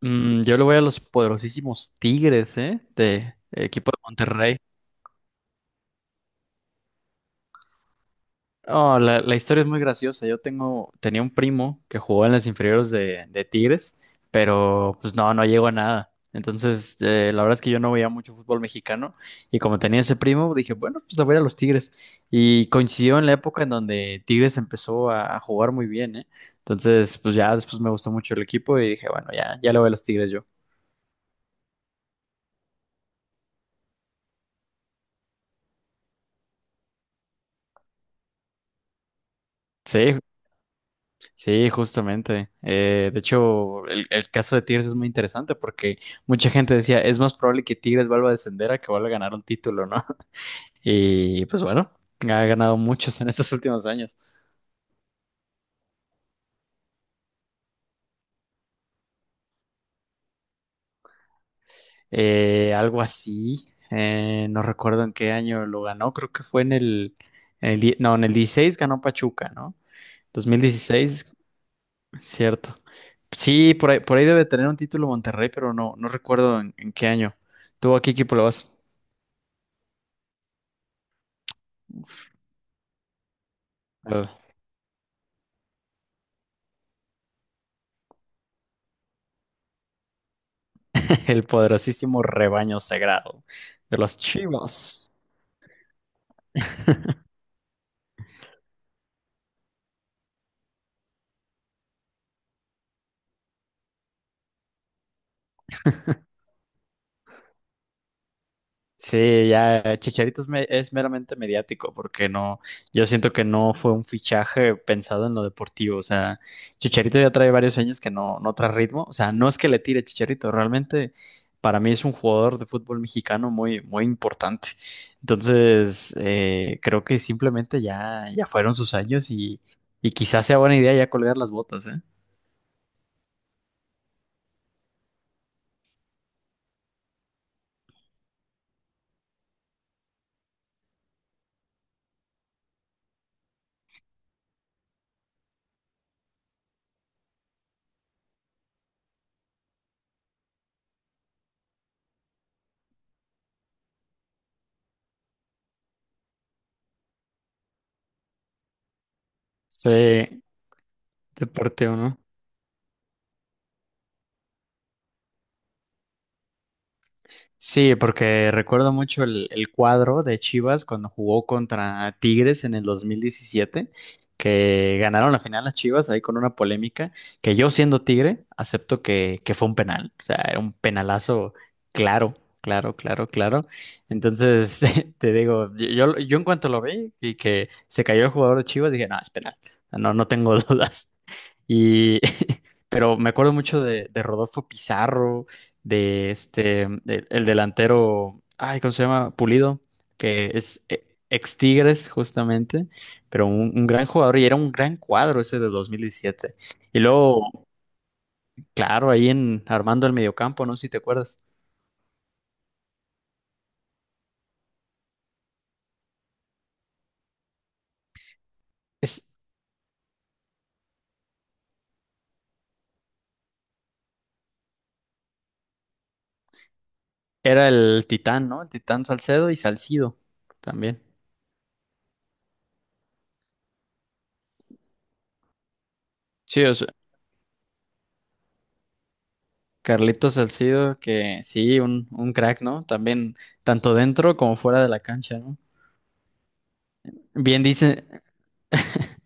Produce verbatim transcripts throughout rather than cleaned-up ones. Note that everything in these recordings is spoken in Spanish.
Mm, yo le voy a los poderosísimos Tigres, ¿eh? De equipo de Monterrey. Oh, la, la historia es muy graciosa. Yo tengo, tenía un primo que jugó en las inferiores de, de Tigres, pero pues no, no llegó a nada. Entonces, eh, la verdad es que yo no veía mucho fútbol mexicano y como tenía ese primo, dije, bueno, pues le voy a ir a los Tigres. Y coincidió en la época en donde Tigres empezó a, a jugar muy bien, ¿eh? Entonces, pues ya después me gustó mucho el equipo y dije, bueno, ya, ya le voy a los Tigres yo. Sí, sí, justamente. Eh, de hecho, el, el caso de Tigres es muy interesante porque mucha gente decía, es más probable que Tigres vuelva a descender a que vuelva a ganar un título, ¿no? Y pues bueno, ha ganado muchos en estos últimos años. Eh, algo así, eh, no recuerdo en qué año lo ganó, creo que fue en el, en el die- no, en el dieciséis ganó Pachuca, ¿no? Dos mil dieciséis, cierto. Sí, por ahí, por ahí debe tener un título Monterrey, pero no, no recuerdo en, en qué año. ¿Tú a qué equipo le vas? El poderosísimo rebaño sagrado de los chivos. Sí, ya Chicharito es, me- es meramente mediático porque no, yo siento que no fue un fichaje pensado en lo deportivo, o sea, Chicharito ya trae varios años que no, no trae ritmo, o sea, no es que le tire Chicharito, realmente para mí es un jugador de fútbol mexicano muy, muy importante, entonces eh, creo que simplemente ya, ya fueron sus años y, y quizás sea buena idea ya colgar las botas, ¿eh? Sí. Deporte o no. Sí, porque recuerdo mucho el, el cuadro de Chivas cuando jugó contra Tigres en el dos mil diecisiete, que ganaron la final las Chivas ahí con una polémica, que yo siendo Tigre acepto que, que fue un penal, o sea, era un penalazo claro, claro, claro, claro. Entonces, te digo, yo, yo yo en cuanto lo vi y que se cayó el jugador de Chivas, dije, no, es penal, no, no tengo dudas. Y pero me acuerdo mucho de, de Rodolfo Pizarro, de este, de- el delantero, ay, ¿cómo se llama? Pulido, que es eh, ex Tigres justamente, pero un, un gran jugador y era un gran cuadro ese de dos mil diecisiete. Y luego, claro, ahí en armando el mediocampo, no sé si te acuerdas. Es, Era el Titán, ¿no? El Titán Salcedo y Salcido también. Sí, o sea, Carlitos Salcido, que sí, un, un crack, ¿no? También, tanto dentro como fuera de la cancha, ¿no? Bien dice.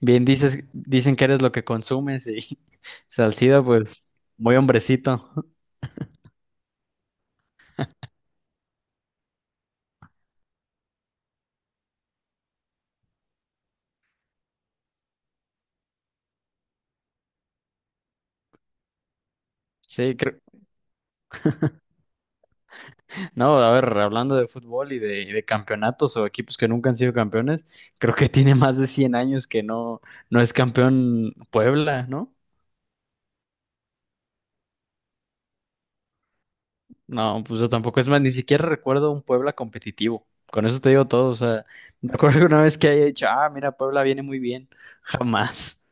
Bien dices, dicen que eres lo que consumes y Salcido, pues muy hombrecito. Sí, creo. No, a ver, hablando de fútbol y de, y de campeonatos o equipos que nunca han sido campeones, creo que tiene más de cien años que no, no es campeón Puebla, ¿no? No, pues yo tampoco. Es más, ni siquiera recuerdo un Puebla competitivo. Con eso te digo todo. O sea, recuerdo una vez que haya dicho, ah, mira, Puebla viene muy bien. Jamás.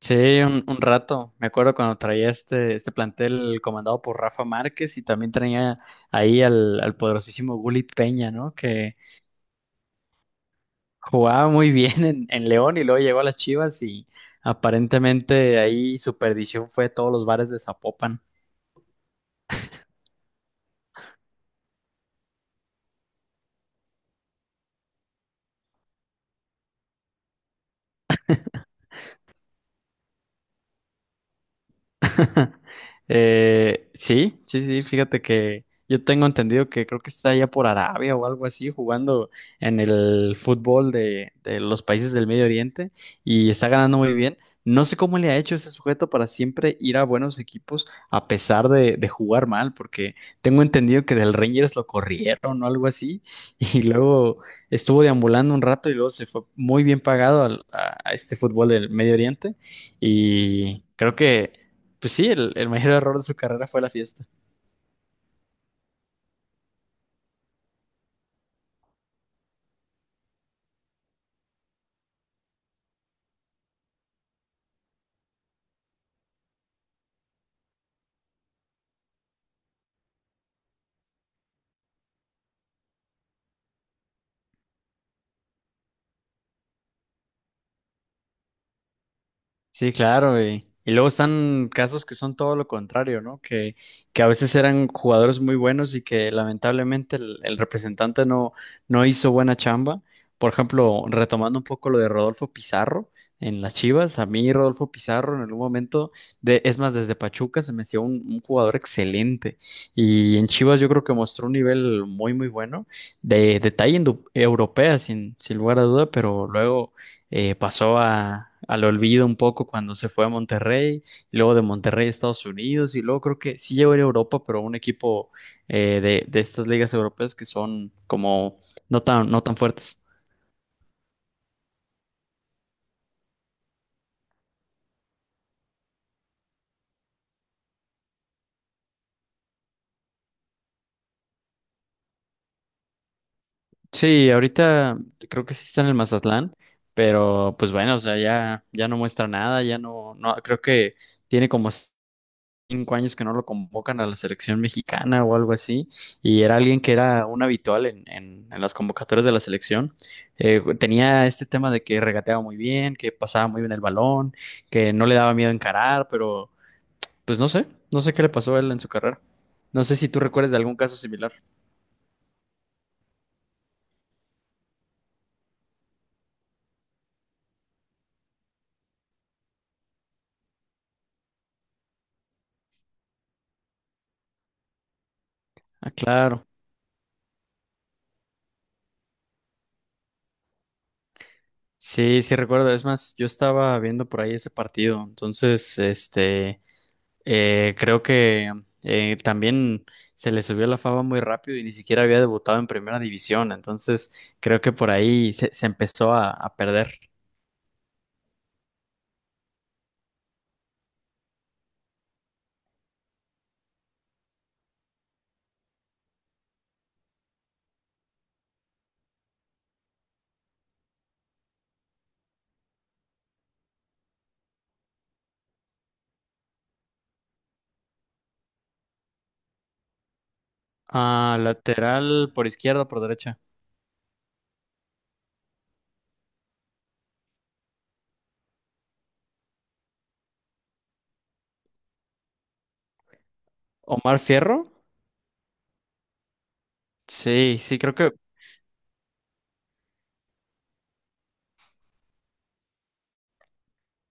Sí, un, un rato. Me acuerdo cuando traía este, este plantel comandado por Rafa Márquez y también traía ahí al, al poderosísimo Gullit Peña, ¿no? Que jugaba muy bien en, en León y luego llegó a las Chivas y aparentemente ahí su perdición fue todos los bares de Zapopan. Eh, sí, sí, sí, fíjate que yo tengo entendido que creo que está allá por Arabia o algo así, jugando en el fútbol de, de los países del Medio Oriente y está ganando muy bien. No sé cómo le ha hecho ese sujeto para siempre ir a buenos equipos a pesar de, de jugar mal, porque tengo entendido que del Rangers lo corrieron o algo así, y luego estuvo deambulando un rato y luego se fue muy bien pagado al- a a este fútbol del Medio Oriente. Y creo que pues sí, el, el mayor error de su carrera fue la fiesta. Sí, claro, y, y luego están casos que son todo lo contrario, ¿no? Que, que a veces eran jugadores muy buenos y que lamentablemente el, el representante no, no hizo buena chamba. Por ejemplo, retomando un poco lo de Rodolfo Pizarro en las Chivas, a mí Rodolfo Pizarro en algún momento, de, es más, desde Pachuca se me hacía un, un jugador excelente y en Chivas yo creo que mostró un nivel muy, muy bueno, de, de talla indu- europea sin, sin lugar a duda, pero luego eh, pasó a, al olvido un poco cuando se fue a Monterrey, y luego de Monterrey a Estados Unidos, y luego creo que sí llegó a ir a Europa, pero a un equipo eh, de, de estas ligas europeas que son como no tan, no tan fuertes. Sí, ahorita creo que sí está en el Mazatlán, pero pues bueno, o sea, ya, ya no muestra nada, ya no, no, creo que tiene como cinco años que no lo convocan a la selección mexicana o algo así, y era alguien que era un habitual en, en- en las convocatorias de la selección. Eh, tenía este tema de que regateaba muy bien, que pasaba muy bien el balón, que no le daba miedo encarar, pero pues no sé, no sé qué le pasó a él en su carrera. No sé si tú recuerdas de algún caso similar. Ah, claro. Sí, sí recuerdo. Es más, yo estaba viendo por ahí ese partido. Entonces, este, Eh, creo que eh, también se le subió la fama muy rápido y ni siquiera había debutado en primera división, entonces creo que por ahí se, se empezó a, a perder. Ah, lateral por izquierda, o por derecha. Omar Fierro. Sí, sí, creo que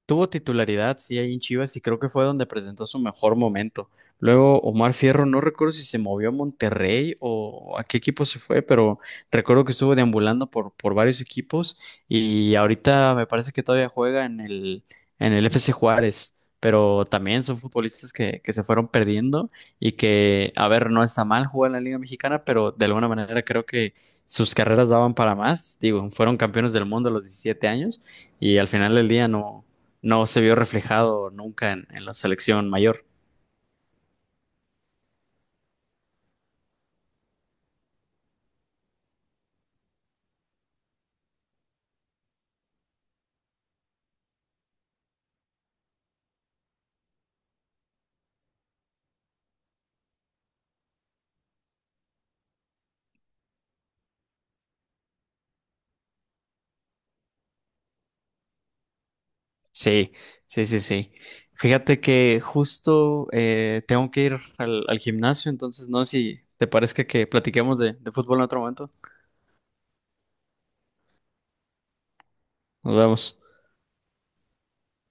tuvo titularidad, sí, ahí en Chivas y creo que fue donde presentó su mejor momento. Luego Omar Fierro, no recuerdo si se movió a Monterrey o a qué equipo se fue, pero recuerdo que estuvo deambulando por, por varios equipos y ahorita me parece que todavía juega en el, en el F C Juárez, pero también son futbolistas que, que se fueron perdiendo y que, a ver, no está mal jugar en la Liga Mexicana, pero de alguna manera creo que sus carreras daban para más. Digo, fueron campeones del mundo a los diecisiete años y al final del día no no se vio reflejado nunca en, en la selección mayor. Sí, sí, sí, sí. Fíjate que justo eh, tengo que ir al, al gimnasio, entonces no sé si te parezca que platiquemos de, de fútbol en otro momento. Nos vemos.